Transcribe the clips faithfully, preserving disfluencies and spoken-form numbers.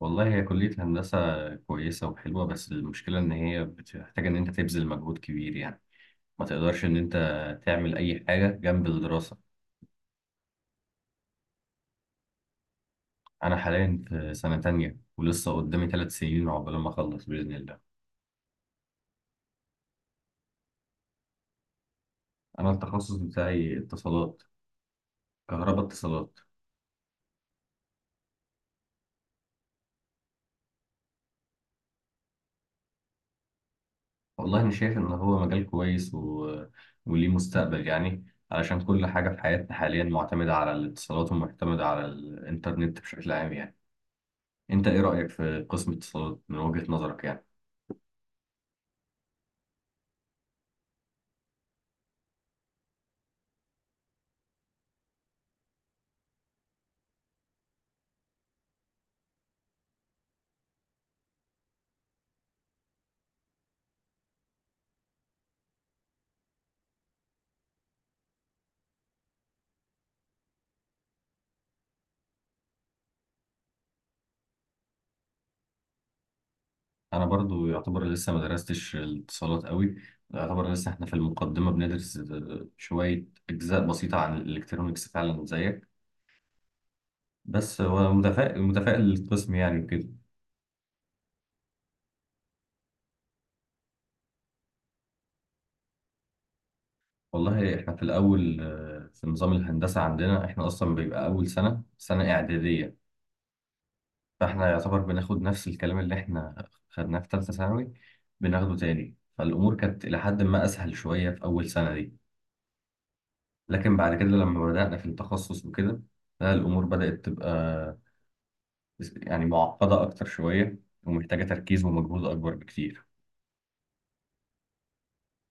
والله هي كلية هندسة كويسة وحلوة، بس المشكلة إن هي بتحتاج إن أنت تبذل مجهود كبير يعني. ما تقدرش إن أنت تعمل أي حاجة جنب الدراسة. أنا حاليا في سنة تانية ولسه قدامي ثلاث سنين عقبال ما أخلص بإذن الله. أنا التخصص بتاعي اتصالات، كهرباء اتصالات. والله أنا شايف إن هو مجال كويس و... وليه مستقبل يعني، علشان كل حاجة في حياتنا حاليا معتمدة على الاتصالات ومعتمدة على الإنترنت بشكل عام يعني. أنت إيه رأيك في قسم اتصالات من وجهة نظرك يعني؟ انا برضو يعتبر لسه ما درستش الاتصالات قوي، يعتبر لسه احنا في المقدمه بندرس شويه اجزاء بسيطه عن الالكترونيكس فعلا زيك. بس هو متفائل، متفائل للقسم يعني وكده. والله احنا في الاول، آه، في نظام الهندسه عندنا احنا اصلا بيبقى اول سنه سنه اعداديه. فاحنا يعتبر بناخد نفس الكلام اللي احنا خدناه في ثالثه ثانوي، بناخده تاني. فالامور كانت الى حد ما اسهل شويه في اول سنه دي، لكن بعد كده لما بدانا في التخصص وكده، لا الأمور بدأت تبقى بس- يعني معقدة أكتر شوية ومحتاجة تركيز ومجهود أكبر بكتير.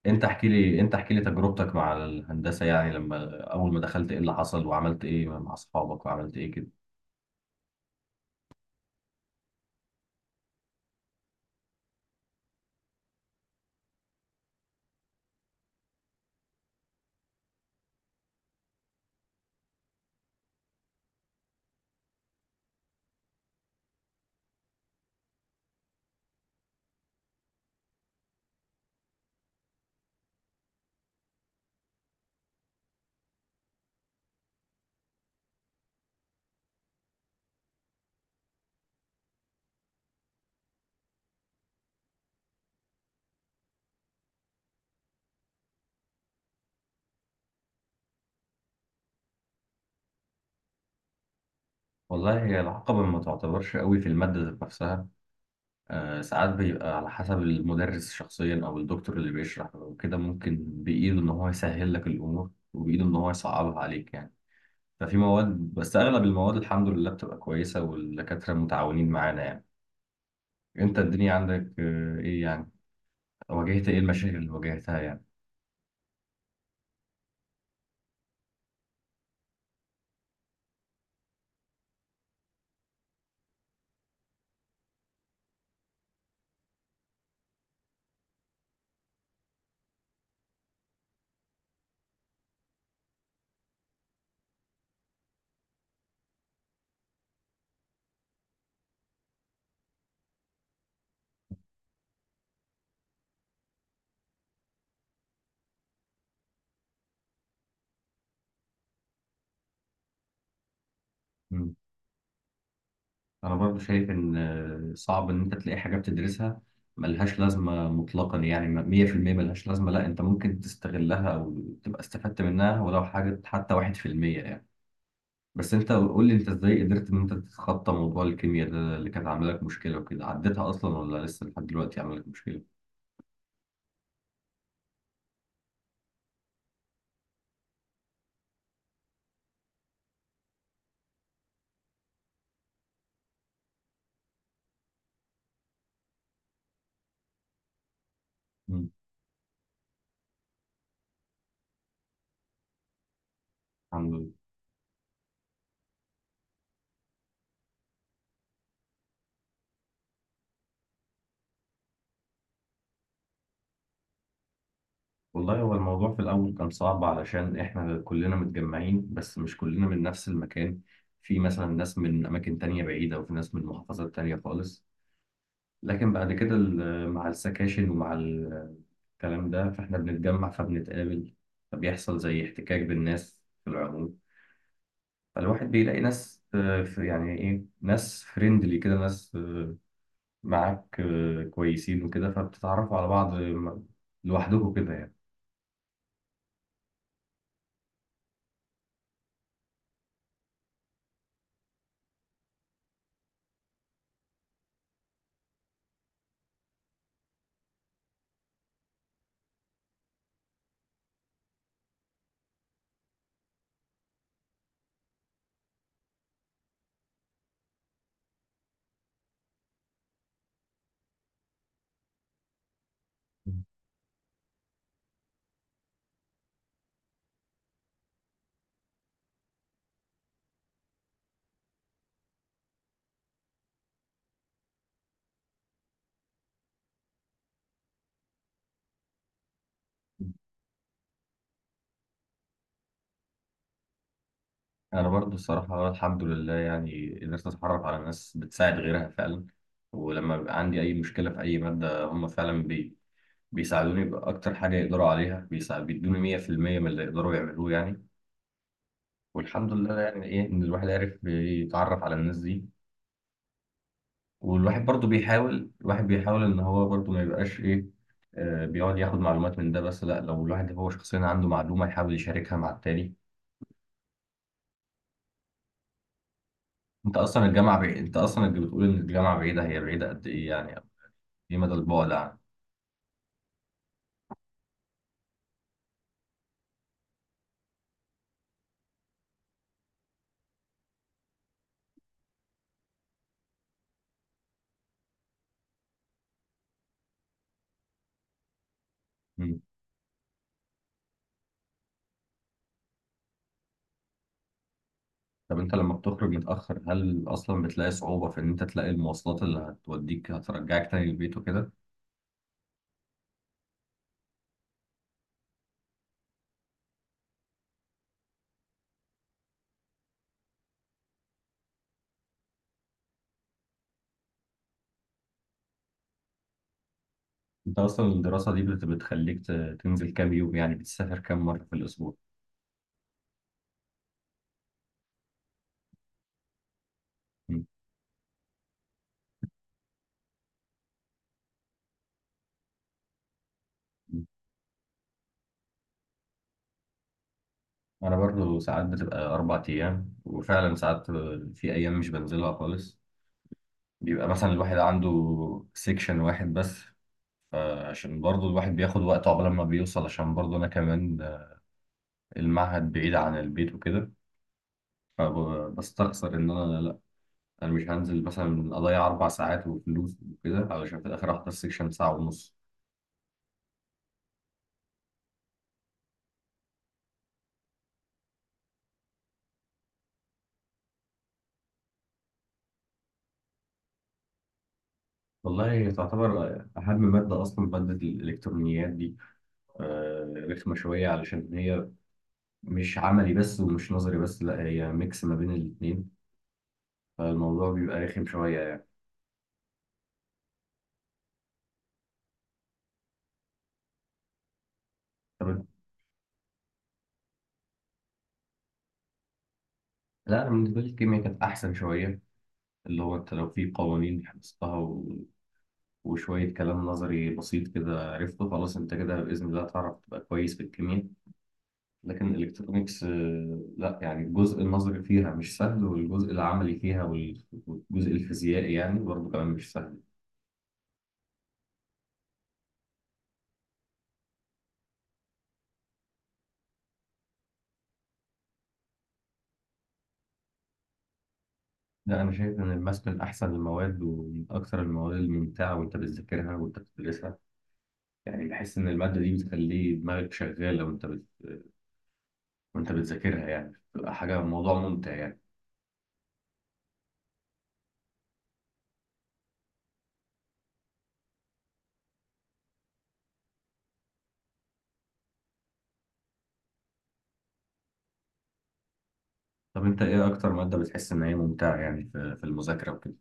أنت احكي لي أنت احكي لي تجربتك مع الهندسة يعني، لما أول ما دخلت إيه اللي حصل، وعملت إيه مع أصحابك وعملت إيه كده؟ والله هي العقبة ما تعتبرش قوي في المادة ذات نفسها. آه ساعات بيبقى على حسب المدرس شخصيا أو الدكتور اللي بيشرح وكده، ممكن بإيده إن هو يسهل لك الأمور وبإيده إن هو يصعبها عليك يعني. ففي مواد، بس أغلب المواد الحمد لله بتبقى كويسة والدكاترة متعاونين معانا يعني. أنت الدنيا عندك، آه، إيه يعني؟ واجهت ايه المشاكل اللي واجهتها يعني؟ مم. انا برضو شايف ان آه، صعب ان انت تلاقي حاجه بتدرسها ملهاش لازمه مطلقا، يعني م- مية في المية ملهاش لازمه. لا، انت ممكن تستغلها او تبقى استفدت منها ولو حاجه حتى واحد في المية يعني. بس انت قول لي، انت ازاي قدرت ان انت تتخطى موضوع الكيمياء ده اللي كانت عامله لك مشكله وكده؟ عديتها اصلا ولا لسه لحد دلوقتي عامله لك مشكله؟ مم. الحمد. والله هو الموضوع في الأول كان صعب، علشان إحنا كلنا متجمعين بس مش كلنا من نفس المكان. في مثلا ناس من أماكن تانية بعيدة وفي ناس من محافظات تانية خالص. لكن بعد كده ال- مع السكاشن ومع ال- الكلام ده فإحنا بنتجمع فبنتقابل، فبيحصل زي احتكاك بالناس في العموم. فالواحد بيلاقي ناس، آه، في- يعني إيه، ناس فريندلي كده، ناس آه، معاك آه، كويسين وكده، فبتتعرفوا على بعض آه، لوحدكم كده يعني. انا برضو الصراحه الحمد لله يعني قدرت اتعرف على ناس بتساعد غيرها فعلا، ولما بيبقى عندي اي مشكله في اي ماده هم فعلا بي بيساعدوني باكتر حاجه يقدروا عليها، بيسا- بيدوني مية في المية من اللي يقدروا يعملوه يعني. والحمد لله يعني، ايه ان الواحد عرف يتعرف على الناس دي. والواحد برضو بيحاول، الواحد بيحاول ان هو برضو ما يبقاش ايه آه، بيقعد ياخد معلومات من ده بس. لا، لو الواحد هو شخصيا عنده معلومه يحاول يشاركها مع التاني. انت اصلا الجامعه بعيد، انت اصلا اللي بتقول ان الجامعه بعيده، هي بعيده قد ايه يعني؟ دي مدى البعد عنه؟ مم. طب انت لما بتخرج متأخر، هل اصلا بتلاقي صعوبة في ان انت تلاقي المواصلات اللي هتوديك هترجعك تاني البيت وكده؟ انت اصلا الدراسة دي بت- بتخليك ت- تنزل كام يوم يعني، بتسافر كام مرة في الاسبوع؟ مم. مم. انا برضو ساعات بتبقى اربع ايام، وفعلا ساعات في ايام مش بنزلها خالص، بيبقى مثلا الواحد عنده سيكشن واحد بس، عشان برضو الواحد بياخد وقت عقبال ما بيوصل، عشان برضو انا كمان المعهد بعيد عن البيت وكده. فبستخسر ان انا، لا انا مش هنزل مثلا اضيع اربع ساعات وفلوس وكده علشان في الاخر احضر سيكشن ساعه ونص. والله تعتبر اهم ماده اصلا ماده الالكترونيات دي، آه، رخمه شويه علشان هي مش عملي بس ومش نظري بس، لا هي ميكس ما بين الاثنين، فالموضوع بيبقى رخم شويه يعني. طب، لا انا بالنسبه لي الكيمياء كانت احسن شويه، اللي هو انت لو في قوانين حفظتها و... وشوية كلام نظري بسيط كده عرفته، خلاص انت كده بإذن الله تعرف تبقى كويس في الكيمياء. لكن الالكترونيكس، آه، لا يعني الجزء النظري فيها مش سهل، والجزء العملي فيها وال- والجزء الفيزيائي يعني برضه كمان مش سهل. لا انا شايف ان الماس من احسن المواد ومن اكثر المواد الممتعه، وانت بتذاكرها وانت بتدرسها يعني بحس ان الماده دي بتخلي دماغك شغاله، وانت بت... وانت بتذاكرها يعني بتبقى حاجه، موضوع ممتع يعني. طب انت ايه اكتر ماده بتحس ان هي ممتعه يعني في, في المذاكره وكده؟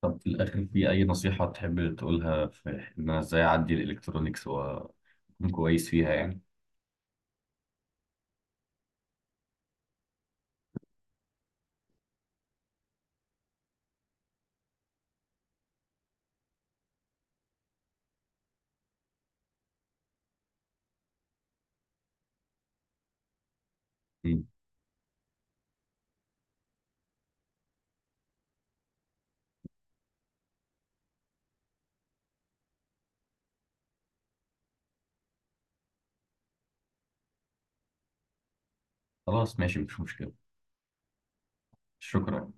طب في الاخر في اي نصيحه تحب تقولها في ان انا ازاي اعدي الالكترونيكس و... أكون كويس فيها يعني؟ مم. خلاص ماشي، مفيش مشكلة. شكرا.